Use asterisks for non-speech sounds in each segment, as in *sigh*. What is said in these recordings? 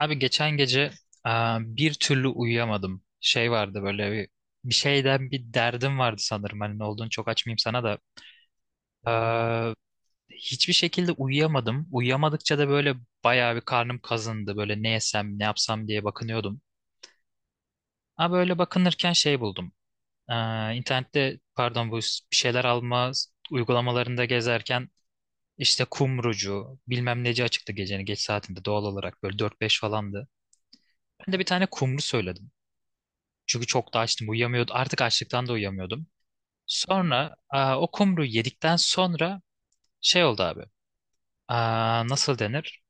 Abi geçen gece bir türlü uyuyamadım. Şey vardı böyle bir şeyden bir derdim vardı sanırım. Hani ne olduğunu çok açmayayım sana da. Aa, Hiçbir şekilde uyuyamadım. Uyuyamadıkça da böyle bayağı bir karnım kazındı. Böyle ne yesem ne yapsam diye bakınıyordum. Ama böyle bakınırken şey buldum. Aa, internette pardon bu bir şeyler alma uygulamalarında gezerken işte kumrucu bilmem neci açıktı gecenin geç saatinde doğal olarak böyle dört beş falandı. Ben de bir tane kumru söyledim. Çünkü çok da açtım. Uyuyamıyordum. Artık açlıktan da uyuyamıyordum. Sonra o kumru yedikten sonra şey oldu abi. Nasıl denir?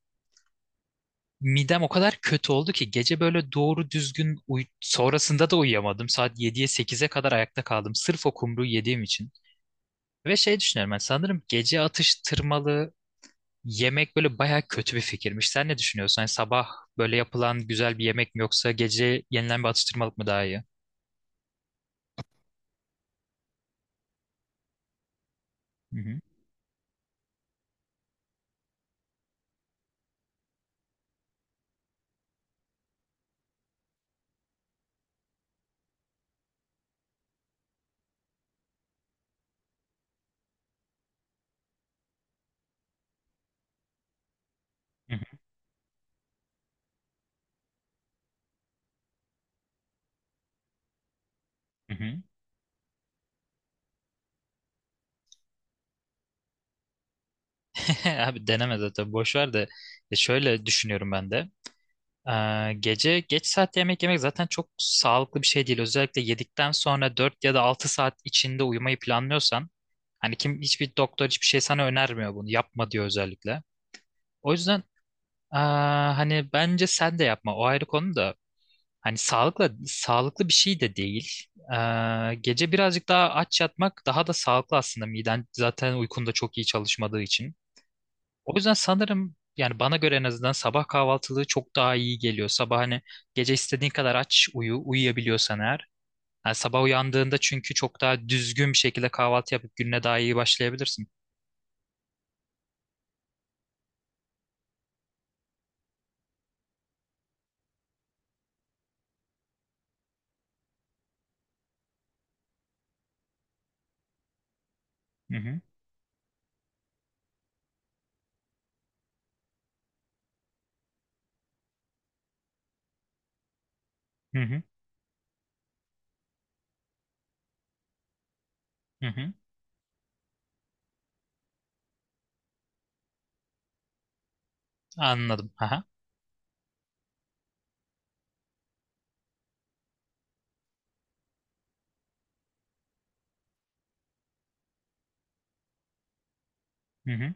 Midem o kadar kötü oldu ki gece böyle doğru düzgün sonrasında da uyuyamadım. Saat yediye sekize kadar ayakta kaldım. Sırf o kumruyu yediğim için. Ve şey düşünüyorum ben sanırım gece atıştırmalı yemek böyle baya kötü bir fikirmiş. Sen ne düşünüyorsun? Hani sabah böyle yapılan güzel bir yemek mi yoksa gece yenilen bir atıştırmalık mı daha iyi? Hı hı. Hı hı. Hı hı. *laughs* Abi deneme zaten boş ver de Şöyle düşünüyorum ben de. Gece geç saatte yemek yemek zaten çok sağlıklı bir şey değil. Özellikle yedikten sonra 4 ya da 6 saat içinde uyumayı planlıyorsan hani kim hiçbir doktor hiçbir şey sana önermiyor bunu. Yapma diyor özellikle. O yüzden hani bence sen de yapma. O ayrı konu da hani sağlıkla sağlıklı bir şey de değil. Gece birazcık daha aç yatmak daha da sağlıklı aslında miden zaten uykunda çok iyi çalışmadığı için. O yüzden sanırım yani bana göre en azından sabah kahvaltılığı çok daha iyi geliyor. Sabah hani gece istediğin kadar aç uyu, uyuyabiliyorsan eğer. Yani sabah uyandığında çünkü çok daha düzgün bir şekilde kahvaltı yapıp gününe daha iyi başlayabilirsin. Hı hı, hı hı, hı hı. Anladım. Aha, hı hı.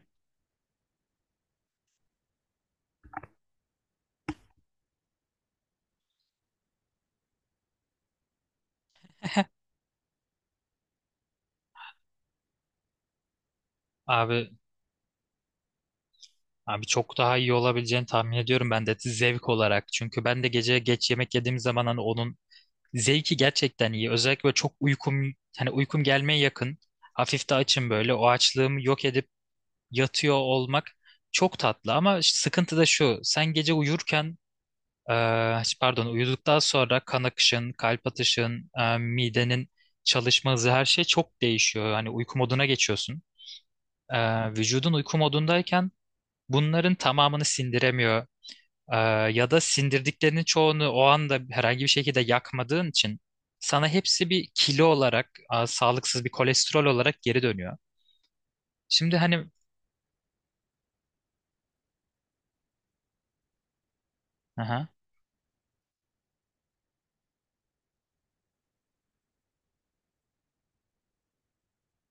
Abi, abi, çok daha iyi olabileceğini tahmin ediyorum ben de zevk olarak. Çünkü ben de gece geç yemek yediğim zaman hani onun zevki gerçekten iyi. Özellikle böyle çok uykum, hani uykum gelmeye yakın. Hafif de açım böyle. O açlığımı yok edip yatıyor olmak çok tatlı ama sıkıntı da şu. Sen gece uyurken e, pardon uyuduktan sonra kan akışın, kalp atışın, midenin çalışma hızı her şey çok değişiyor. Hani uyku moduna geçiyorsun. E, vücudun uyku modundayken bunların tamamını sindiremiyor. E, ya da sindirdiklerinin çoğunu o anda herhangi bir şekilde yakmadığın için sana hepsi bir kilo olarak, sağlıksız bir kolesterol olarak geri dönüyor. Şimdi hani... Aha,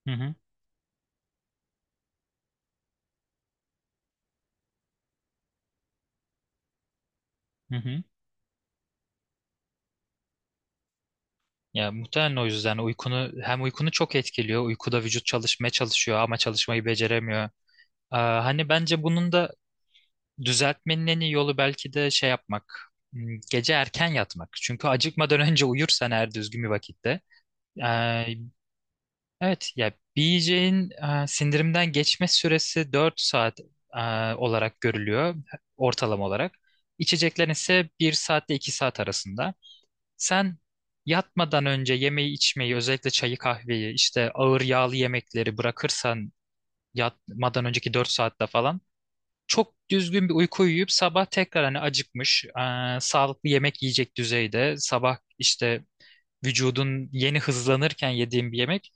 hı hı, hı hı. Ya muhtemelen o yüzden uykunu çok etkiliyor. Uykuda vücut çalışmaya çalışıyor ama çalışmayı beceremiyor. Hani bence bunun da düzeltmenin en iyi yolu belki de şey yapmak. Gece erken yatmak. Çünkü acıkmadan *laughs* önce uyursan eğer düzgün bir vakitte. ee, evet ya bir yiyeceğin sindirimden geçme süresi 4 saat e, olarak görülüyor ortalama olarak. İçeceklerin ise 1 saatle 2 saat arasında. Sen yatmadan önce yemeği içmeyi, özellikle çayı kahveyi, işte ağır yağlı yemekleri bırakırsan yatmadan önceki 4 saatte falan çok düzgün bir uyku uyuyup sabah tekrar hani acıkmış, sağlıklı yemek yiyecek düzeyde sabah işte vücudun yeni hızlanırken yediğin bir yemek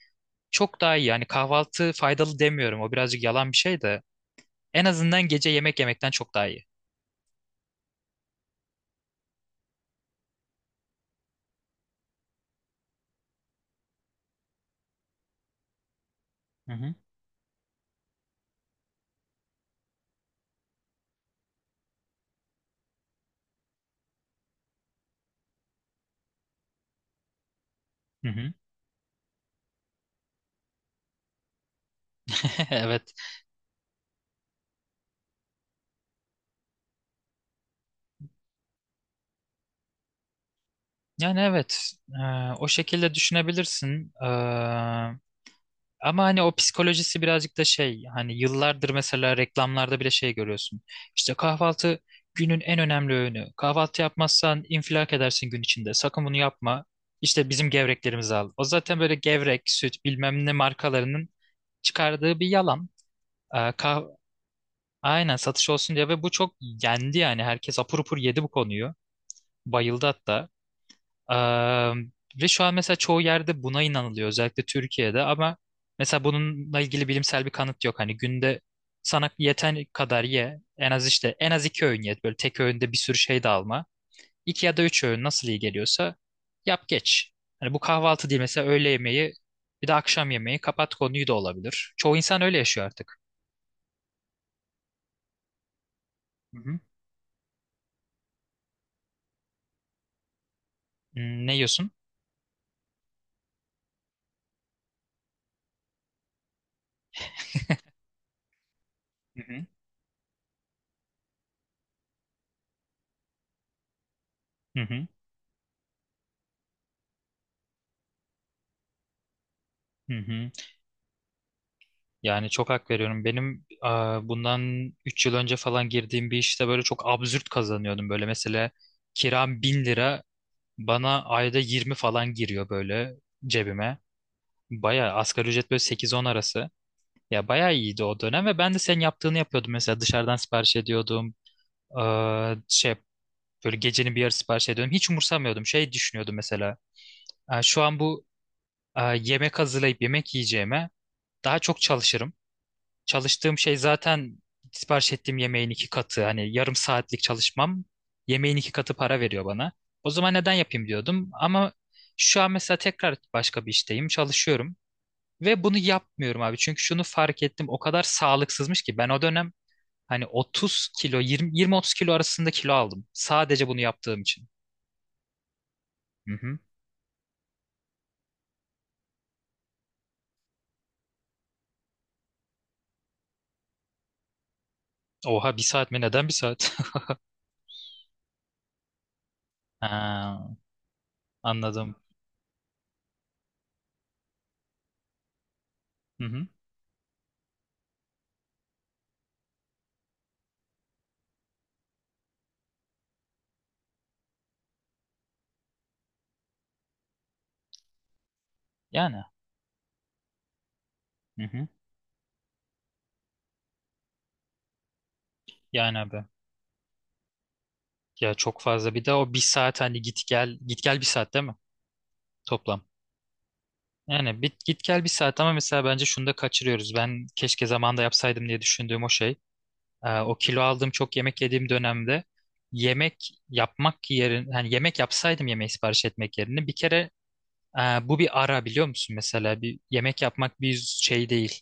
çok daha iyi. Yani kahvaltı faydalı demiyorum. O birazcık yalan bir şey de en azından gece yemek yemekten çok daha iyi. Hı hı. Hı hı. *laughs* Evet. Yani evet. O şekilde düşünebilirsin. Ama hani o psikolojisi birazcık da şey hani yıllardır mesela reklamlarda bile şey görüyorsun. İşte kahvaltı günün en önemli öğünü. Kahvaltı yapmazsan infilak edersin gün içinde. Sakın bunu yapma. İşte bizim gevreklerimizi al. O zaten böyle gevrek, süt bilmem ne markalarının çıkardığı bir yalan. Kah Aynen satış olsun diye ve bu çok yendi yani. Herkes apur upur yedi bu konuyu. Bayıldı hatta. Eee, ve şu an mesela çoğu yerde buna inanılıyor özellikle Türkiye'de ama mesela bununla ilgili bilimsel bir kanıt yok. Hani günde sana yeten kadar ye en az işte en az iki öğün ye böyle tek öğünde bir sürü şey de alma. İki ya da üç öğün nasıl iyi geliyorsa yap geç. Hani bu kahvaltı değil mesela öğle yemeği bir de akşam yemeği kapat konuyu da olabilir. Çoğu insan öyle yaşıyor artık. Hı hı. Ne yiyorsun? Hı hı. Hı hı. Hı hı. Yani çok hak veriyorum. Benim bundan 3 yıl önce falan girdiğim bir işte böyle çok absürt kazanıyordum. Böyle mesela kiram 1.000 lira bana ayda 20 falan giriyor böyle cebime. Baya asgari ücret böyle sekiz on arası. Ya baya iyiydi o dönem ve ben de senin yaptığını yapıyordum. Mesela dışarıdan sipariş ediyordum. E, şey böyle gecenin bir yarısı sipariş ediyordum. Hiç umursamıyordum. Şey düşünüyordum mesela. "Şu an bu yemek hazırlayıp yemek yiyeceğime daha çok çalışırım. Çalıştığım şey zaten sipariş ettiğim yemeğin iki katı. Hani yarım saatlik çalışmam yemeğin iki katı para veriyor bana. O zaman neden yapayım diyordum." Ama şu an mesela tekrar başka bir işteyim, çalışıyorum. Ve bunu yapmıyorum abi. Çünkü şunu fark ettim. O kadar sağlıksızmış ki ben o dönem hani 30 kilo, 20, 20-30 kilo arasında kilo aldım. Sadece bunu yaptığım için. Hı hı. Oha bir saat mi? Neden bir saat? *laughs* Ha, anladım. Hı hı. Yani. Hı hı. Yani abi. Ya çok fazla. Bir de o bir saat hani git gel git gel bir saat değil mi? Toplam. Yani git gel bir saat ama mesela bence şunu da kaçırıyoruz. Ben keşke zamanında yapsaydım diye düşündüğüm o şey. O kilo aldığım çok yemek yediğim dönemde yemek yapmak yerine hani yemek yapsaydım yemeği sipariş etmek yerine bir kere e, bu bir ara biliyor musun mesela bir yemek yapmak bir şey değil.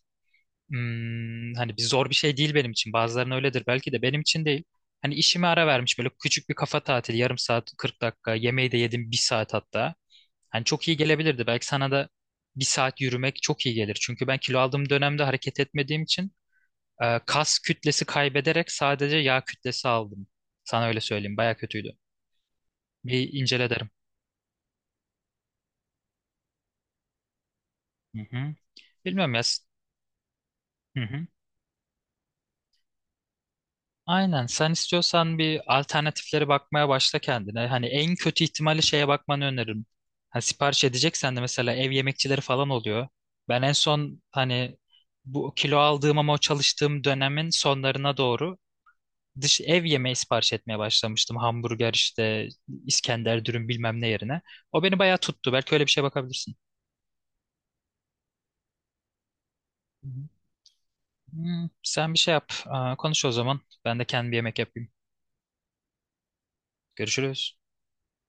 Hani bir zor bir şey değil benim için. Bazılarının öyledir belki de benim için değil. Hani işime ara vermiş böyle küçük bir kafa tatili yarım saat 40 dakika yemeği de yedim bir saat hatta. Hani çok iyi gelebilirdi. Belki sana da bir saat yürümek çok iyi gelir. Çünkü ben kilo aldığım dönemde hareket etmediğim için kas kütlesi kaybederek sadece yağ kütlesi aldım. Sana öyle söyleyeyim. Baya kötüydü. Bir incele derim. Hı hı. Bilmiyorum ya. Hı hı. Aynen. Sen istiyorsan bir alternatiflere bakmaya başla kendine. Hani en kötü ihtimali şeye bakmanı öneririm. Ha, sipariş edeceksen de mesela ev yemekçileri falan oluyor. Ben en son hani bu kilo aldığım ama o çalıştığım dönemin sonlarına doğru dış ev yemeği sipariş etmeye başlamıştım. Hamburger işte İskender dürüm bilmem ne yerine. O beni bayağı tuttu. Belki öyle bir şeye bakabilirsin. Hı hı. Sen bir şey yap. Konuş o zaman. Ben de kendi bir yemek yapayım. Görüşürüz.